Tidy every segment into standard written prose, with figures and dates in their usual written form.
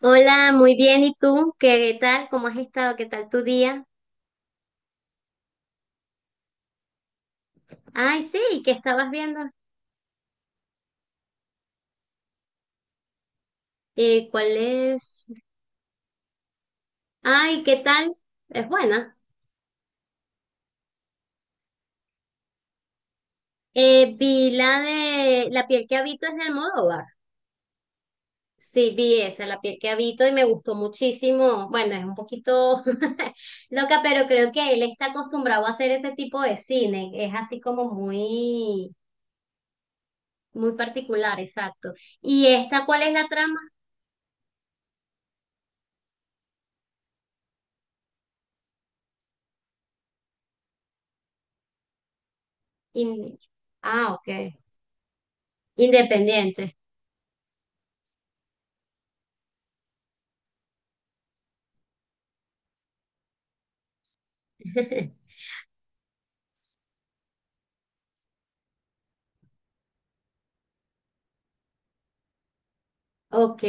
Hola, muy bien. ¿Y tú? ¿Qué tal? ¿Cómo has estado? ¿Qué tal tu día? Ay, sí, ¿qué estabas viendo? ¿Cuál es? Ay, ¿qué tal? Es buena. Vi la de La piel que habito es de Almodóvar. Sí, vi esa, La piel que habito y me gustó muchísimo. Bueno, es un poquito loca, pero creo que él está acostumbrado a hacer ese tipo de cine. Es así como muy, muy particular, exacto. ¿Y esta cuál es la trama? In- Ah, ok. Independiente. Ok.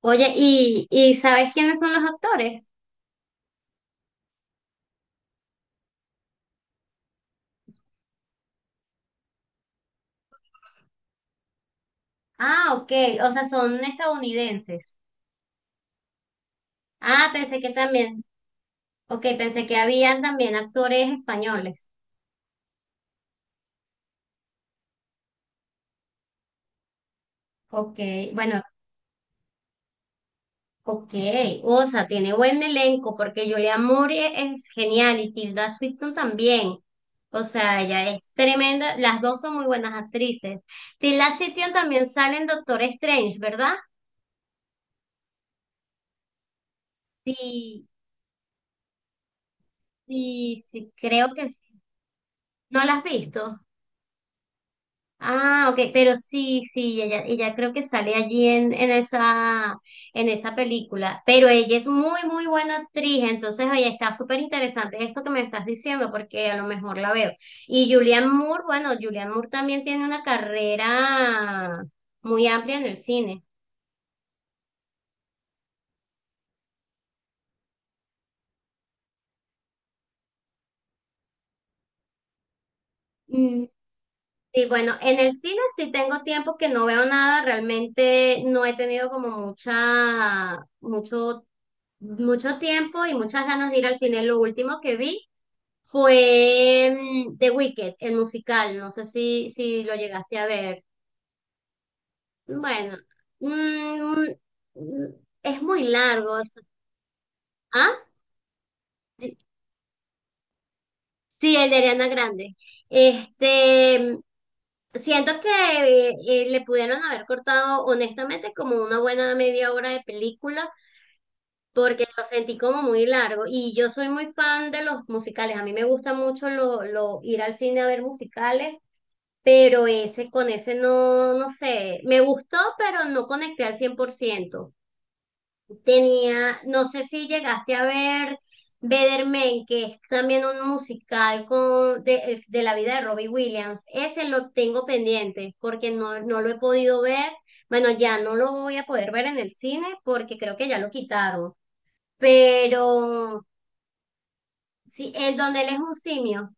Oye, ¿y sabes quiénes son los actores? Ah, ok. O sea, son estadounidenses. Ah, pensé que también. Ok, pensé que habían también actores españoles. Ok, bueno, ok. O sea, tiene buen elenco porque Julia Moore es genial y Tilda Swinton también. O sea, ella es tremenda. Las dos son muy buenas actrices. Tilda Swinton también sale en Doctor Strange, ¿verdad? Sí, sí, sí, creo que sí. ¿No la has visto? Ah, ok, pero sí, sí, ella creo que sale allí en esa, en esa película, pero ella es muy, muy buena actriz, entonces ahí está súper interesante esto que me estás diciendo, porque a lo mejor la veo. Y Julianne Moore, bueno, Julianne Moore también tiene una carrera muy amplia en el cine. Mm, Y bueno, en el cine sí tengo tiempo que no veo nada, realmente no he tenido como mucha, mucho tiempo y muchas ganas de ir al cine. Lo último que vi fue The Wicked, el musical, no sé si lo llegaste a ver. Bueno, mm, mm, es muy largo. ¿Ah? Sí, el de Ariana Grande. Este, siento que le pudieron haber cortado honestamente como una buena media hora de película porque lo sentí como muy largo y yo soy muy fan de los musicales. A mí me gusta mucho ir al cine a ver musicales, pero ese, con ese no, no sé, me gustó, pero no conecté al 100%. Tenía, no sé si llegaste a ver Better, que es también un musical con, de la vida de Robbie Williams. Ese lo tengo pendiente porque no, no lo he podido ver. Bueno, ya no lo voy a poder ver en el cine porque creo que ya lo quitaron. Pero sí, el donde él es un simio.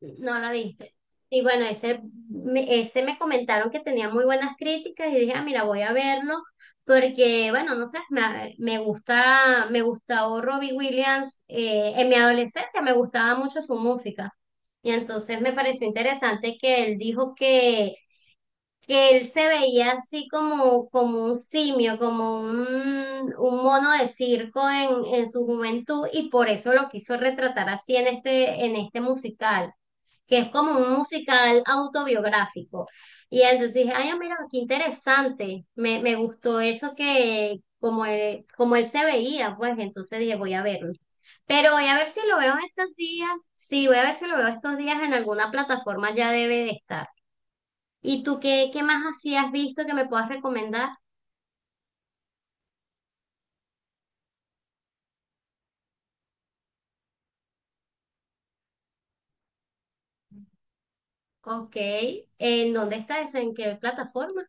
No la viste. Y bueno, ese me comentaron que tenía muy buenas críticas y dije, ah, mira, voy a verlo porque, bueno, no sé, me gusta, me gustó Robbie Williams en mi adolescencia, me gustaba mucho su música. Y entonces me pareció interesante que él dijo que, él se veía así como un simio, como un mono de circo en su juventud y por eso lo quiso retratar así en este musical, que es como un musical autobiográfico. Y entonces dije, ay, mira, qué interesante, me gustó eso, que como él, se veía, pues entonces dije, voy a verlo. Pero voy a ver si lo veo estos días, sí, voy a ver si lo veo estos días en alguna plataforma, ya debe de estar. ¿Y tú qué más así has visto que me puedas recomendar? Ok, ¿en dónde está eso? ¿En qué plataforma?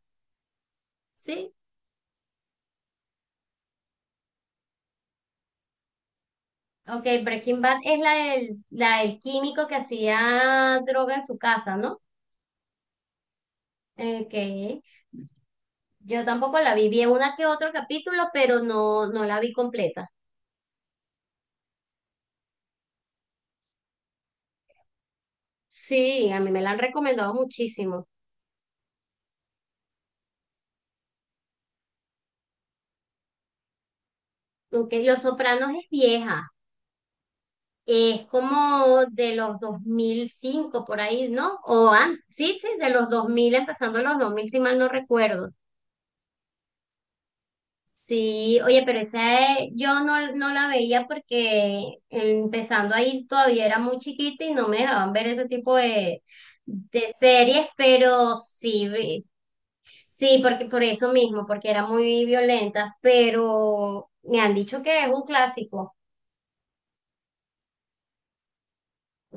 Sí. Ok, Breaking Bad es la del químico que hacía droga en su casa, ¿no? Okay, yo tampoco la vi. Vi una que otro capítulo, pero no la vi completa. Sí, a mí me la han recomendado muchísimo. Aunque Los Sopranos es vieja. Es como de los 2005 por ahí, ¿no? O antes. Sí, sí, de los 2000 empezando los 2000 si mal no recuerdo. Sí, oye, pero esa yo no la veía porque empezando ahí todavía era muy chiquita y no me dejaban ver ese tipo de, series, pero sí, vi. Sí, porque por eso mismo, porque era muy violenta, pero me han dicho que es un clásico.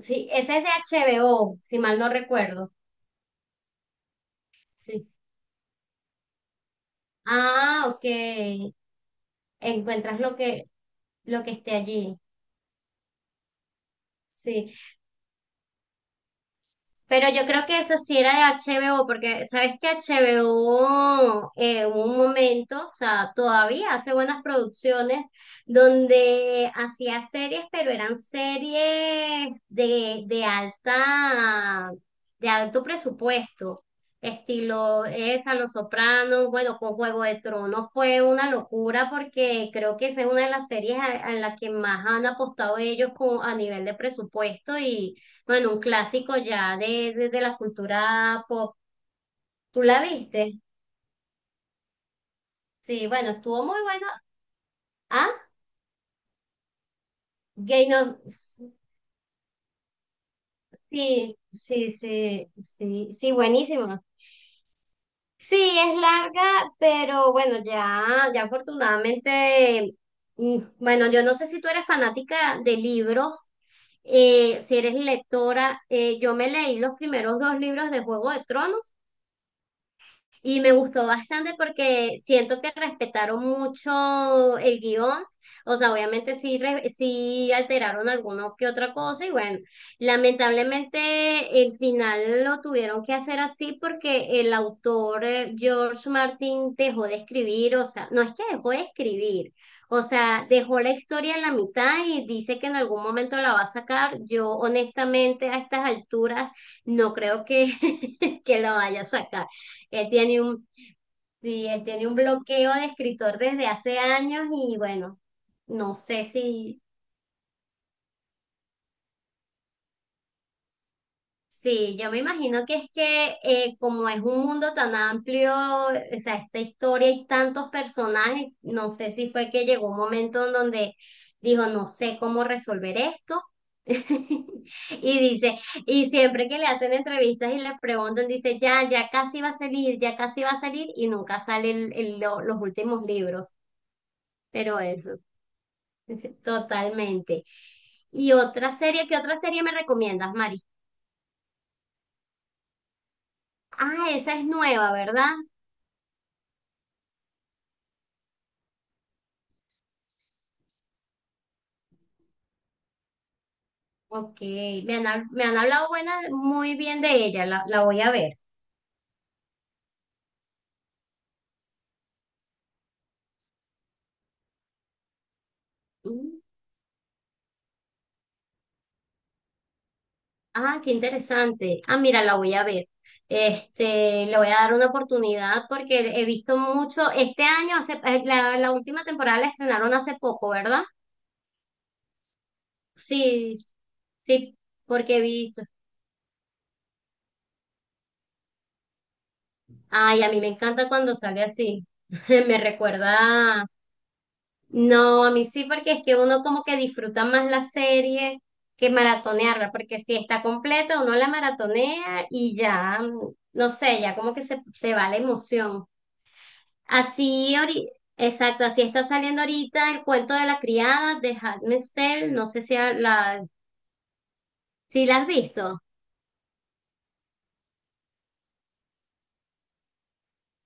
Sí, ese es de HBO, si mal no recuerdo. Sí. Ah, ok. Encuentras lo que esté allí. Sí. Pero yo creo que esa sí era de HBO, porque sabes que HBO hubo un momento, o sea, todavía hace buenas producciones, donde hacía series, pero eran series de alta, de alto presupuesto, estilo esa, Los Sopranos, bueno, con Juego de Tronos fue una locura porque creo que esa es una de las series a la que más han apostado ellos con, a nivel de presupuesto y bueno, un clásico ya de la cultura pop. ¿Tú la viste? Sí, bueno, estuvo muy bueno. Ah, Game of... Sí, sí, sí, sí, sí, buenísimo. Sí, es larga, pero bueno, ya afortunadamente, bueno, yo no sé si tú eres fanática de libros, si eres lectora, yo me leí los primeros dos libros de Juego de Tronos. Y me gustó bastante porque siento que respetaron mucho el guión. O sea, obviamente sí, sí alteraron alguno que otra cosa. Y bueno, lamentablemente el final lo tuvieron que hacer así porque el autor George Martin dejó de escribir. O sea, no es que dejó de escribir. O sea, dejó la historia en la mitad y dice que en algún momento la va a sacar. Yo honestamente a estas alturas no creo que, que la vaya a sacar. Él tiene un, sí, él tiene un bloqueo de escritor desde hace años y bueno, no sé si, sí, yo me imagino que es que como es un mundo tan amplio, o sea, esta historia y tantos personajes, no sé si fue que llegó un momento en donde dijo, no sé cómo resolver esto. Y dice, y siempre que le hacen entrevistas y le preguntan, dice, ya, ya casi va a salir, ya casi va a salir, y nunca salen los últimos libros. Pero eso. Totalmente. ¿Y otra serie? ¿Qué otra serie me recomiendas, Mari? Ah, esa es nueva, ¿verdad? Ok, me han hablado buena, muy bien de ella, la voy a ver. Mm. Ah, qué interesante. Ah, mira, la voy a ver. Este, le voy a dar una oportunidad porque he visto mucho, este año, la última temporada la estrenaron hace poco, ¿verdad? Sí, sí, porque he visto. Ay, a mí me encanta cuando sale así. Me recuerda. No, a mí sí, porque es que uno como que disfruta más la serie que maratonearla, porque si está completa, uno la maratonea y ya, no sé, ya como que se va la emoción. Así, exacto, así está saliendo ahorita el cuento de la criada de Handmaid's Tale, no sé si si la has visto.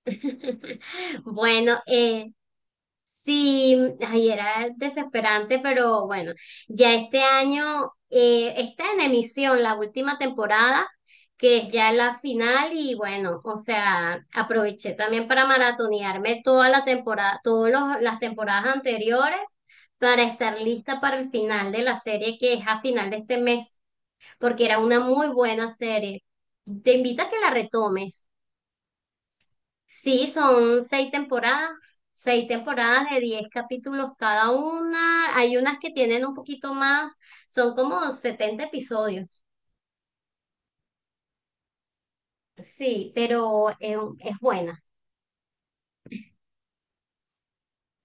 Bueno, sí, ay, era desesperante, pero bueno, ya este año está en emisión la última temporada, que es ya la final, y bueno, o sea, aproveché también para maratonearme toda la temporada, todas las temporadas anteriores, para estar lista para el final de la serie, que es a final de este mes, porque era una muy buena serie. Te invito a que la retomes. Sí, son 6 temporadas, 6 temporadas de 10 capítulos cada una. Hay unas que tienen un poquito más, son como 70 episodios. Sí, pero es buena.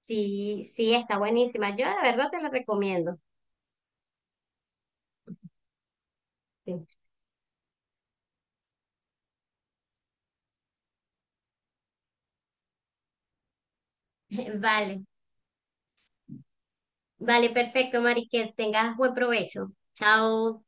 Sí, sí, está buenísima. Yo de verdad te la recomiendo. Sí. Vale, vale, perfecto, Mari, que tengas buen provecho. Chao.